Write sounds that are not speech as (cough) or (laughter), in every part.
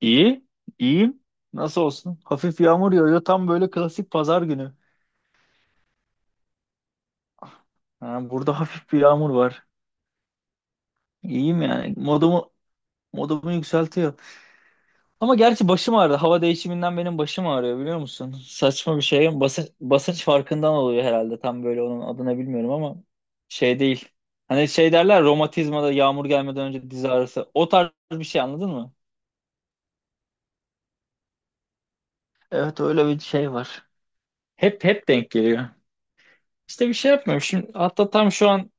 İyi, iyiyim Nasıl olsun? Hafif yağmur yağıyor. Tam böyle klasik pazar günü. Ha, burada hafif bir yağmur var. İyiyim yani. Modumu yükseltiyor. Ama gerçi başım ağrıdı. Hava değişiminden benim başım ağrıyor, biliyor musun? Saçma bir şey. Basınç farkından oluyor herhalde. Tam böyle onun adını bilmiyorum ama şey değil. Hani şey derler, romatizmada yağmur gelmeden önce diz ağrısı. O tarz bir şey, anladın mı? Evet, öyle bir şey var. Hep denk geliyor. İşte bir şey yapmıyorum. Şimdi hatta tam şu an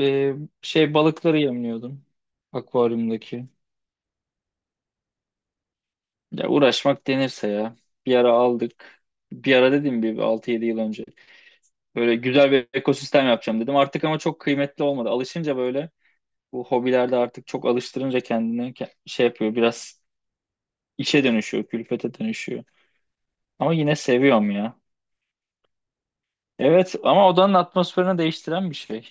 Ee, şey balıkları yemliyordum, akvaryumdaki. Ya, uğraşmak denirse ya. Bir ara aldık. Bir ara dedim, bir 6-7 yıl önce. Böyle güzel bir ekosistem yapacağım dedim. Artık ama çok kıymetli olmadı. Alışınca böyle, bu hobilerde artık çok alıştırınca kendini şey yapıyor. Biraz işe dönüşüyor, külfete dönüşüyor. Ama yine seviyorum ya. Evet, ama odanın atmosferini değiştiren bir şey.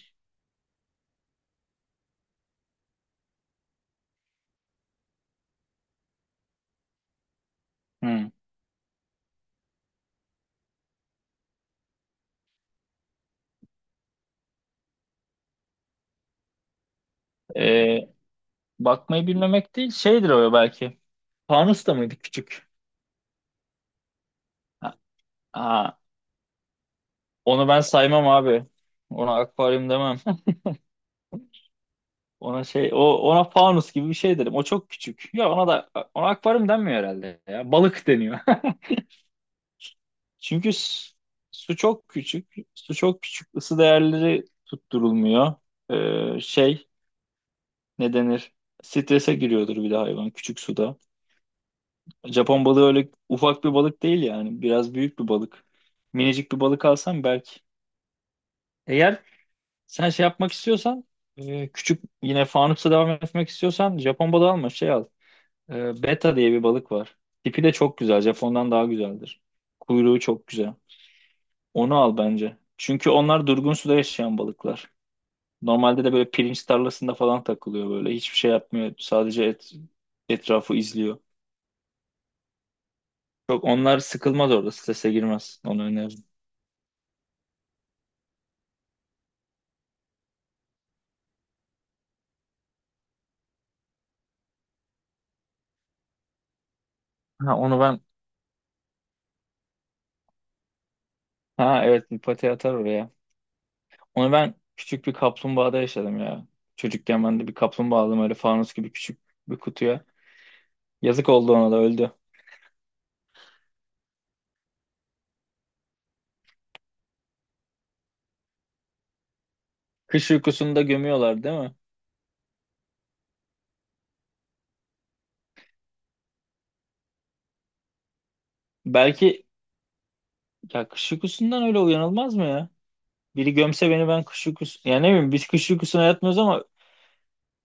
Hı. Ee, Bakmayı bilmemek değil, şeydir o belki. Fanus da mıydı küçük? Ha, onu ben saymam abi. Ona akvaryum demem. (laughs) Ona şey, o ona fanus gibi bir şey derim. O çok küçük. Ya ona da, ona akvaryum denmiyor herhalde ya. Balık deniyor. (laughs) Çünkü su çok küçük. Su çok küçük. Isı değerleri tutturulmuyor. Şey, ne denir? Strese giriyordur bir de hayvan, küçük suda. Japon balığı öyle ufak bir balık değil yani. Biraz büyük bir balık. Minicik bir balık alsam belki. Eğer sen şey yapmak istiyorsan, küçük, yine fanusla devam etmek istiyorsan, Japon balığı alma, şey al. Beta diye bir balık var. Tipi de çok güzel. Japon'dan daha güzeldir. Kuyruğu çok güzel. Onu al bence. Çünkü onlar durgun suda yaşayan balıklar. Normalde de böyle pirinç tarlasında falan takılıyor böyle. Hiçbir şey yapmıyor. Sadece etrafı izliyor. Çok onlar sıkılmaz orada. Strese girmez. Onu öneririm. Ha, onu ben. Ha, evet, bir pati atar oraya. Onu ben küçük bir kaplumbağada yaşadım ya. Çocukken ben de bir kaplumbağa aldım, öyle fanus gibi küçük bir kutuya. Yazık oldu, ona da öldü. Kış uykusunda gömüyorlar değil mi? Belki, ya kış uykusundan öyle uyanılmaz mı ya? Biri gömse beni ben kış uykusu. Yani ne bileyim, biz kış uykusuna yatmıyoruz ama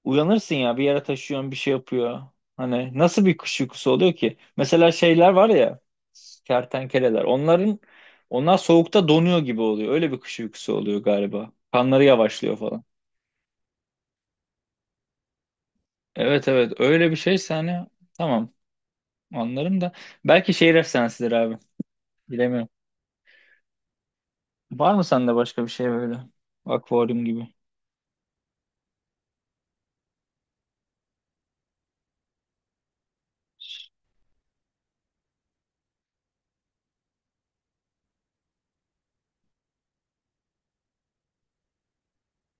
uyanırsın ya, bir yere taşıyorsun bir şey yapıyor. Hani nasıl bir kış uykusu oluyor ki? Mesela şeyler var ya, kertenkeleler, onlar soğukta donuyor gibi oluyor. Öyle bir kış uykusu oluyor galiba. Kanları yavaşlıyor falan. Evet, evet, öyle bir şeyse hani, tamam, anlarım da belki şehir efsanesidir abi, bilemiyorum. Var mı sende başka bir şey, böyle akvaryum gibi?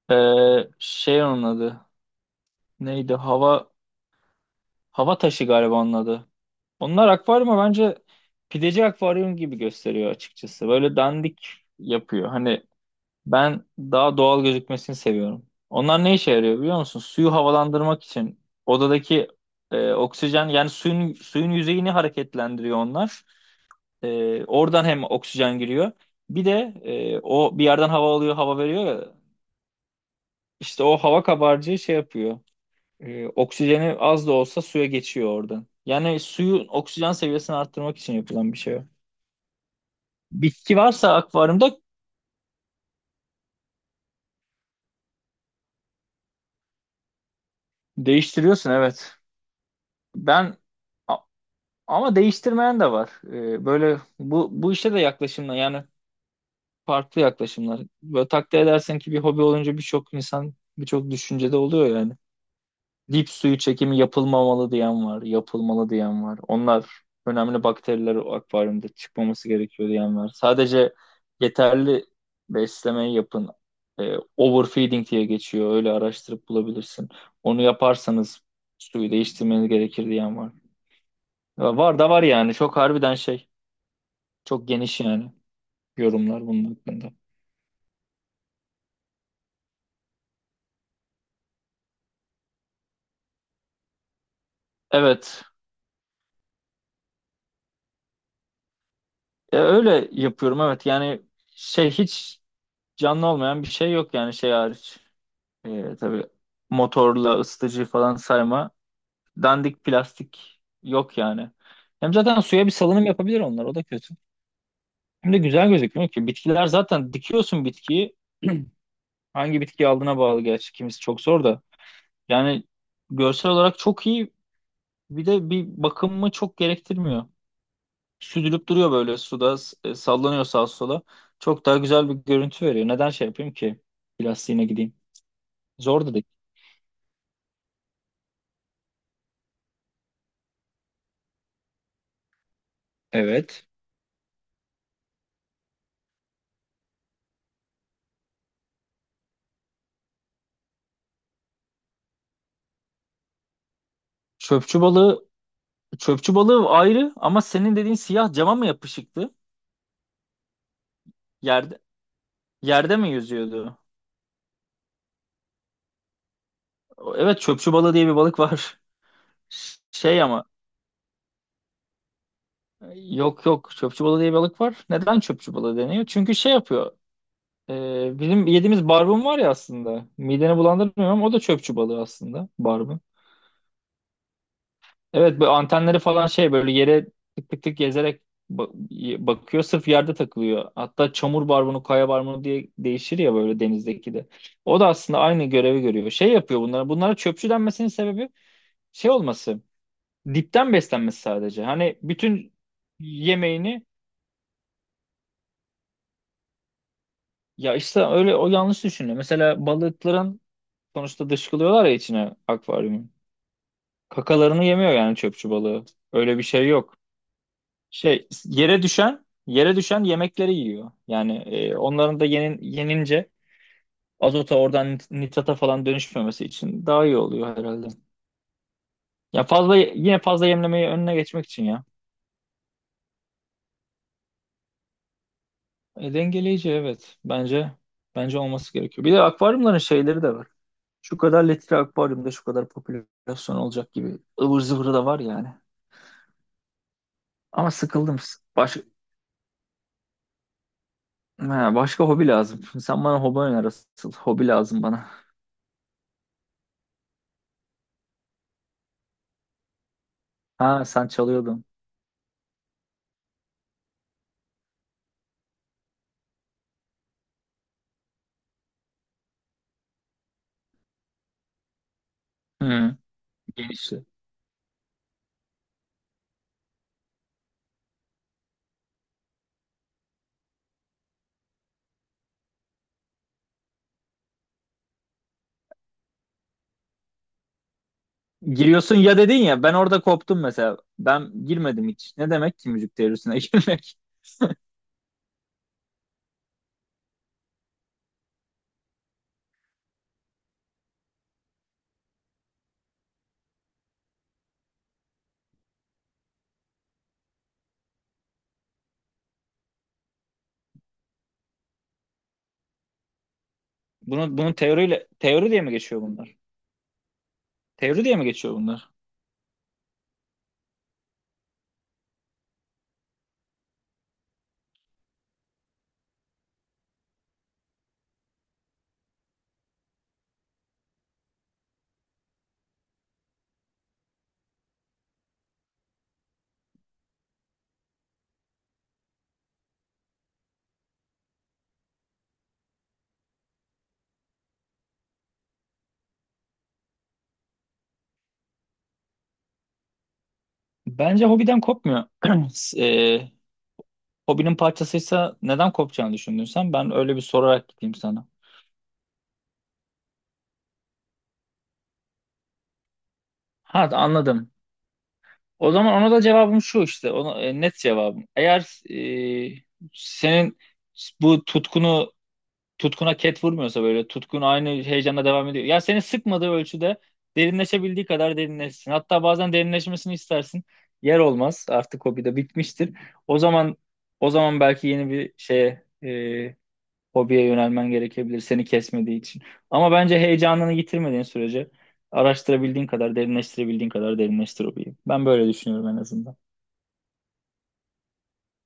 Ee, Şey onun adı neydi, hava taşı galiba onun adı. Onlar akvaryumu bence pideci akvaryum gibi gösteriyor, açıkçası böyle dandik yapıyor hani. Ben daha doğal gözükmesini seviyorum. Onlar ne işe yarıyor biliyor musun? Suyu havalandırmak için, odadaki oksijen, yani suyun yüzeyini hareketlendiriyor onlar. Oradan hem oksijen giriyor. Bir de o bir yerden hava alıyor, hava veriyor ya. İşte o hava kabarcığı şey yapıyor. Oksijeni az da olsa suya geçiyor oradan. Yani suyun oksijen seviyesini arttırmak için yapılan bir şey o. Bitki varsa akvaryumda değiştiriyorsun, evet. Ben Ama değiştirmeyen de var. Böyle, bu işe de yaklaşımlar, yani farklı yaklaşımlar. Böyle takdir edersen ki, bir hobi olunca birçok insan birçok düşüncede oluyor yani. Dip suyu çekimi yapılmamalı diyen var, yapılmalı diyen var. Onlar önemli bakteriler, o akvaryumda çıkmaması gerekiyor diyen var. Sadece yeterli beslemeyi yapın. Overfeeding diye geçiyor. Öyle araştırıp bulabilirsin. Onu yaparsanız suyu değiştirmeniz gerekir diyen var. Ya, var da var yani. Çok harbiden şey. Çok geniş yani yorumlar bunun hakkında. Evet. Öyle yapıyorum, evet. Yani şey, hiç canlı olmayan bir şey yok yani, şey hariç. Tabii motorla ısıtıcı falan sayma. Dandik plastik yok yani. Hem zaten suya bir salınım yapabilir onlar, o da kötü. Hem de güzel gözükmüyor ki. Bitkiler zaten, dikiyorsun bitkiyi. Hangi bitkiyi aldığına bağlı gerçi. Kimisi çok zor da. Yani görsel olarak çok iyi. Bir de bir bakımımı çok gerektirmiyor. Süzülüp duruyor böyle suda, sallanıyor sağa sola. Çok daha güzel bir görüntü veriyor. Neden şey yapayım ki? Plastiğine gideyim. Zor dedik. Evet. Çöpçü balığı çöpçü balığı ayrı, ama senin dediğin siyah, cama mı yapışıktı? Yerde yerde mi yüzüyordu? Evet, çöpçü balığı diye bir balık var. (laughs) Şey ama, yok yok, çöpçü balığı diye bir balık var. Neden çöpçü balığı deniyor? Çünkü şey yapıyor. Bizim yediğimiz barbun var ya aslında. Mideni bulandırmıyorum ama o da çöpçü balığı aslında, barbun. Evet, bu antenleri falan şey böyle yere tık tık tık gezerek bakıyor, sırf yerde takılıyor. Hatta çamur barbunu, kaya barbunu diye değişir ya böyle, denizdeki de. O da aslında aynı görevi görüyor. Şey yapıyor bunlara. Bunlara çöpçü denmesinin sebebi şey olması. Dipten beslenmesi sadece. Hani bütün yemeğini, ya işte öyle, o yanlış düşünüyor. Mesela balıkların sonuçta dışkılıyorlar ya içine akvaryumun. Kakalarını yemiyor yani çöpçü balığı. Öyle bir şey yok. Şey, yere düşen yemekleri yiyor. Yani onların da yenince azota, oradan nitrata falan dönüşmemesi için daha iyi oluyor herhalde. Ya, fazla, yine fazla yemlemeyi önüne geçmek için ya. Dengeleyici, evet. Bence olması gerekiyor. Bir de akvaryumların şeyleri de var. Şu kadar litre akvaryumda şu kadar popülasyon olacak gibi, ıvır zıvırı da var yani. Ama sıkıldım. Baş, ha, başka hobi lazım. Sen bana hobi öner asıl. Hobi lazım bana. Ha, sen çalıyordun. Hmm. Genişle. Giriyorsun ya dedin ya, ben orada koptum mesela. Ben girmedim hiç. Ne demek ki müzik teorisine (laughs) girmek? Bunun teoriyle, teori diye mi geçiyor bunlar? Teori diye mi geçiyor bunlar? Bence hobiden kopmuyor. (clears throat) Eee, Hobinin parçasıysa neden kopacağını düşündün sen? Ben öyle bir sorarak gideyim sana. Ha, anladım. O zaman ona da cevabım şu işte. Ona, net cevabım. Eğer e, senin bu tutkuna ket vurmuyorsa, böyle tutkun aynı heyecanla devam ediyor. Ya seni sıkmadığı ölçüde derinleşebildiği kadar derinleşsin. Hatta bazen derinleşmesini istersin. Yer olmaz. Artık hobi de bitmiştir. O zaman o zaman belki yeni bir şeye, hobiye yönelmen gerekebilir, seni kesmediği için. Ama bence heyecanını yitirmediğin sürece, araştırabildiğin kadar, derinleştirebildiğin kadar derinleştir hobiyi. Ben böyle düşünüyorum en azından.